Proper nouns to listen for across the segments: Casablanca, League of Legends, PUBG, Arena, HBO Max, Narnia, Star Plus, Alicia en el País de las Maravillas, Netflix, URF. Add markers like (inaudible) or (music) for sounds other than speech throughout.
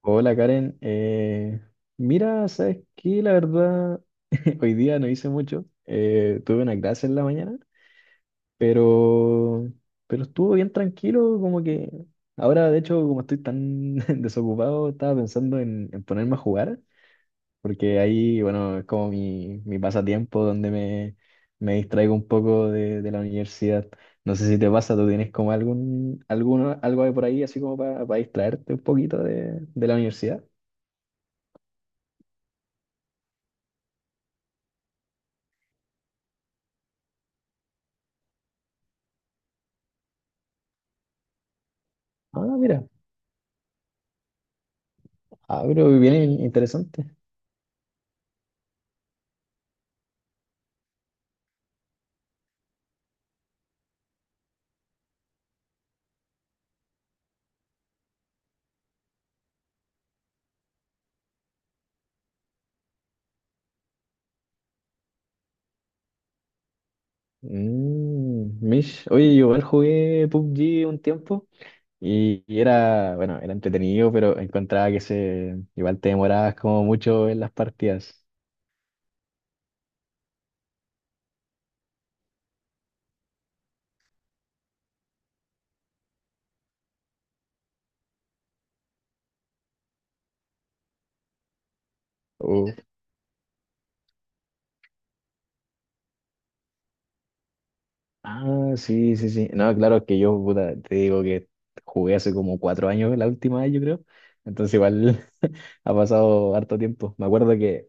Hola Karen, mira, sabes que la verdad (laughs) hoy día no hice mucho, tuve una clase en la mañana, pero, pero estuvo bien tranquilo, como que ahora de hecho como estoy tan (laughs) desocupado estaba pensando en ponerme a jugar, porque ahí bueno es como mi pasatiempo donde me distraigo un poco de la universidad. No sé si te pasa, tú tienes como algo ahí por ahí así como para distraerte un poquito de la universidad. Ah, mira. Ah, pero bien interesante. Mm, Mish, oye, yo igual jugué PUBG un tiempo y era, bueno, era entretenido, pero encontraba que se, igual te demorabas como mucho en las partidas. Uh. Ah, sí, sí, sí. No, claro, que yo, puta, te digo que jugué hace como cuatro años la última vez, yo creo. Entonces igual (laughs) ha pasado harto tiempo. Me acuerdo que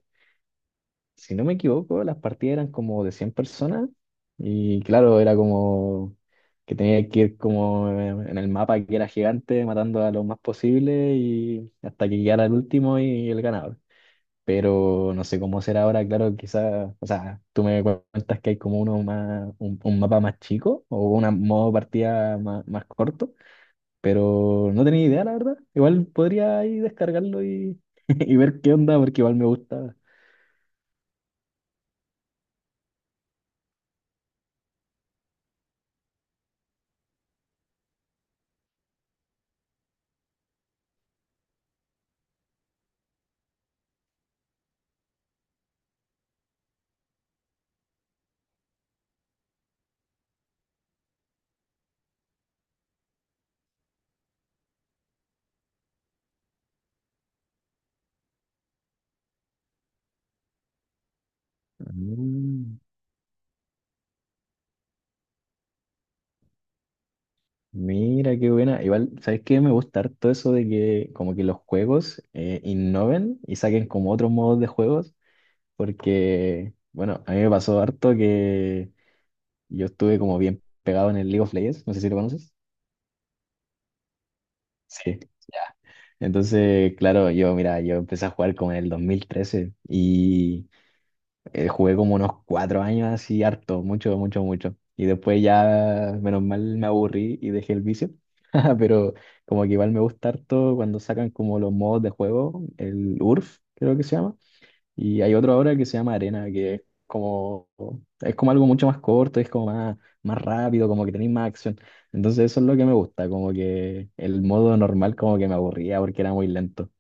si no me equivoco, las partidas eran como de 100 personas y claro, era como que tenía que ir como en el mapa que era gigante, matando a lo más posible y hasta que llegara el último y el ganador. Pero no sé cómo será ahora, claro, quizás, o sea, tú me cuentas que hay como uno más, un mapa más chico o un modo partida más corto, pero no tenía idea, la verdad. Igual podría ahí descargarlo y, (laughs) y ver qué onda, porque igual me gusta. Mm. Mira, qué buena. Igual, ¿sabes qué? Me gusta harto eso de que como que los juegos innoven y saquen como otros modos de juegos, porque, bueno, a mí me pasó harto que yo estuve como bien pegado en el League of Legends, no sé si lo conoces. Sí, ya. Entonces, claro, yo, mira, yo empecé a jugar como en el 2013. Y Jugué como unos cuatro años así, harto, mucho. Y después ya, menos mal, me aburrí y dejé el vicio. (laughs) Pero como que igual me gusta harto cuando sacan como los modos de juego, el URF, creo que se llama. Y hay otro ahora que se llama Arena, que es como, es como algo mucho más corto, es como más rápido, como que tenéis más acción. Entonces eso es lo que me gusta, como que el modo normal como que me aburría porque era muy lento.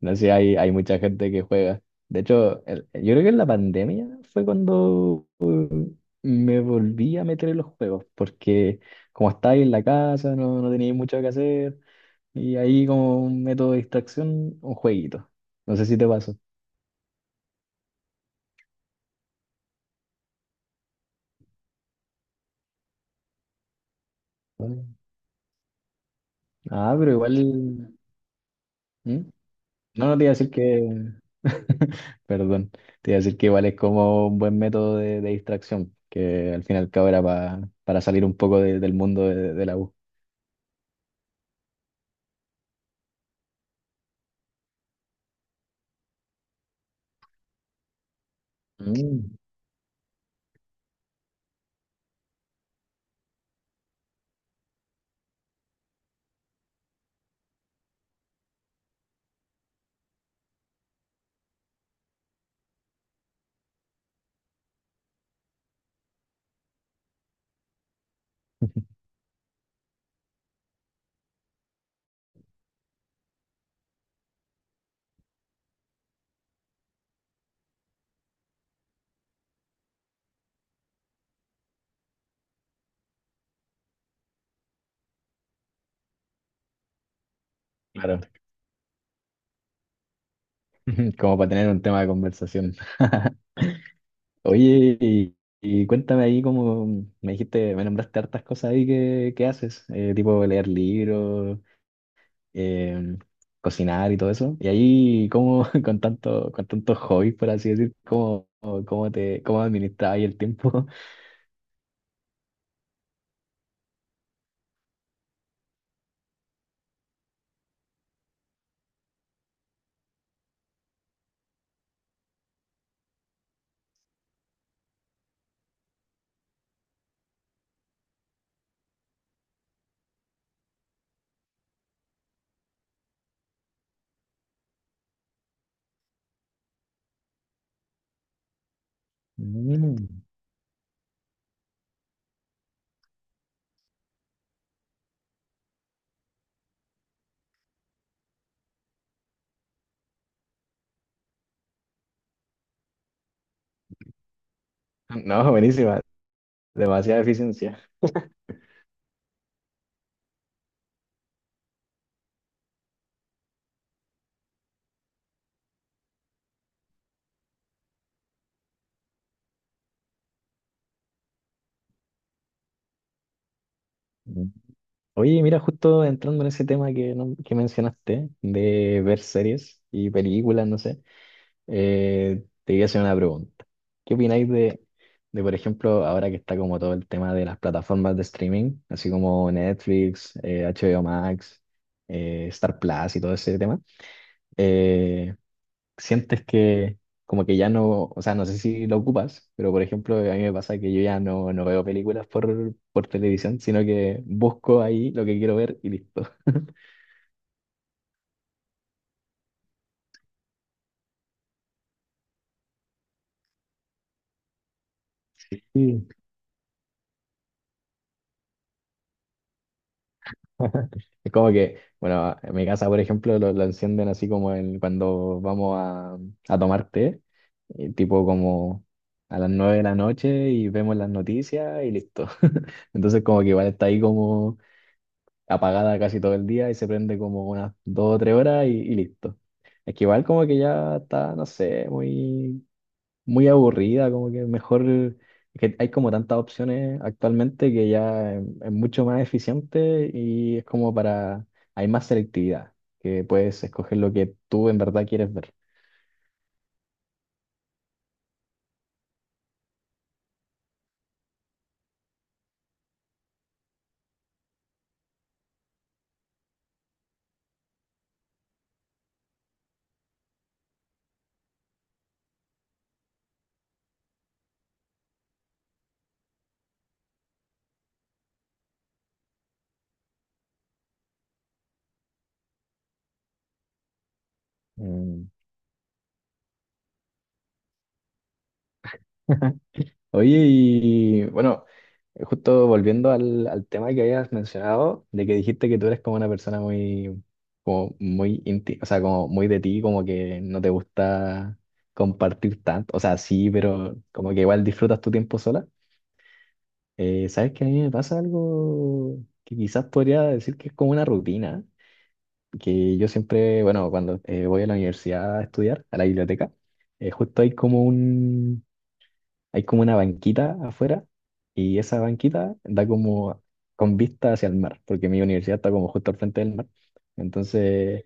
No sé, hay mucha gente que juega. De hecho, yo creo que en la pandemia fue cuando me volví a meter en los juegos, porque como estáis en la casa, no teníais mucho que hacer, y ahí como un método de distracción, un jueguito. No sé si te pasó. Vale. Ah, pero igual... ¿Mm? No, no te iba a decir que... (laughs) Perdón, te iba a decir que igual es como un buen método de distracción, que al fin y al cabo era para salir un poco del mundo de la U. Mm. Claro, (laughs) como para tener un tema de conversación. (laughs) Oye, y cuéntame ahí cómo me dijiste, me nombraste hartas cosas ahí que haces, tipo leer libros, eh, cocinar y todo eso. Y ahí, ¿cómo (laughs) con tanto, con tantos hobbies, por así decir, cómo cómo administras ahí el tiempo? (laughs) Mm. No, buenísima, demasiada eficiencia. Mm. Oye, mira, justo entrando en ese tema que, que mencionaste, de ver series y películas, no sé. Te voy a hacer una pregunta. ¿Qué opináis de, por ejemplo, ahora que está como todo el tema de las plataformas de streaming, así como Netflix, HBO Max, Star Plus y todo ese tema? Eh, ¿Sientes que como que ya no, o sea, no sé si lo ocupas, pero por ejemplo, a mí me pasa que yo ya no, no veo películas por televisión, sino que busco ahí lo que quiero ver y listo. (laughs) Es como que, bueno, en mi casa, por ejemplo, lo encienden así como en cuando vamos a tomar té, tipo como a las nueve de la noche y vemos las noticias y listo. (laughs) Entonces como que igual está ahí como apagada casi todo el día y se prende como unas dos o tres horas y listo. Es que igual como que ya está, no sé, muy aburrida, como que mejor, es que hay como tantas opciones actualmente que ya es mucho más eficiente y es como para, hay más selectividad, que puedes escoger lo que tú en verdad quieres ver. Mm. (laughs) Oye, y bueno, justo volviendo al tema que habías mencionado, de que dijiste que tú eres como una persona como muy o sea, como muy de ti, como que no te gusta compartir tanto, o sea, sí, pero como que igual disfrutas tu tiempo sola. ¿Sabes que a mí me pasa algo que quizás podría decir que es como una rutina, que yo siempre, bueno, cuando voy a la universidad a estudiar, a la biblioteca, justo hay como hay como una banquita afuera y esa banquita da como con vista hacia el mar, porque mi universidad está como justo al frente del mar. Entonces,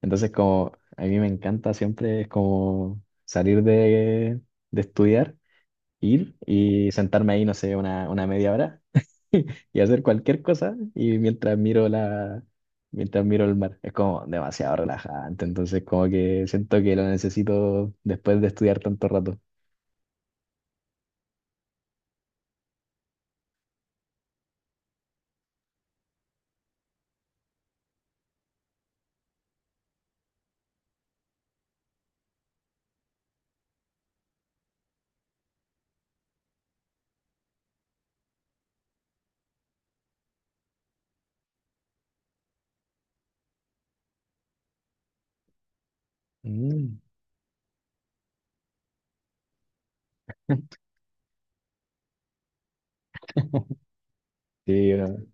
entonces como a mí me encanta siempre es como salir de estudiar, ir y sentarme ahí, no sé, una media hora (laughs) y hacer cualquier cosa y mientras miro la mientras miro el mar es como demasiado relajante, entonces como que siento que lo necesito después de estudiar tanto rato. Mm, sí, no.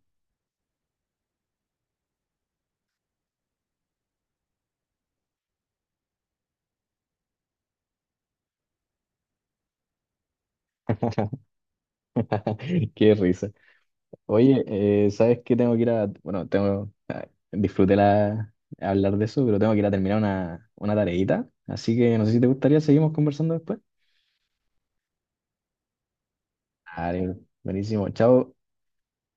(laughs) Qué risa. Oye, sabes que tengo que ir a bueno tengo, disfruté la hablar de eso, pero tengo que ir a terminar una tareita, así que no sé si te gustaría seguimos conversando después. Vale, buenísimo, chao.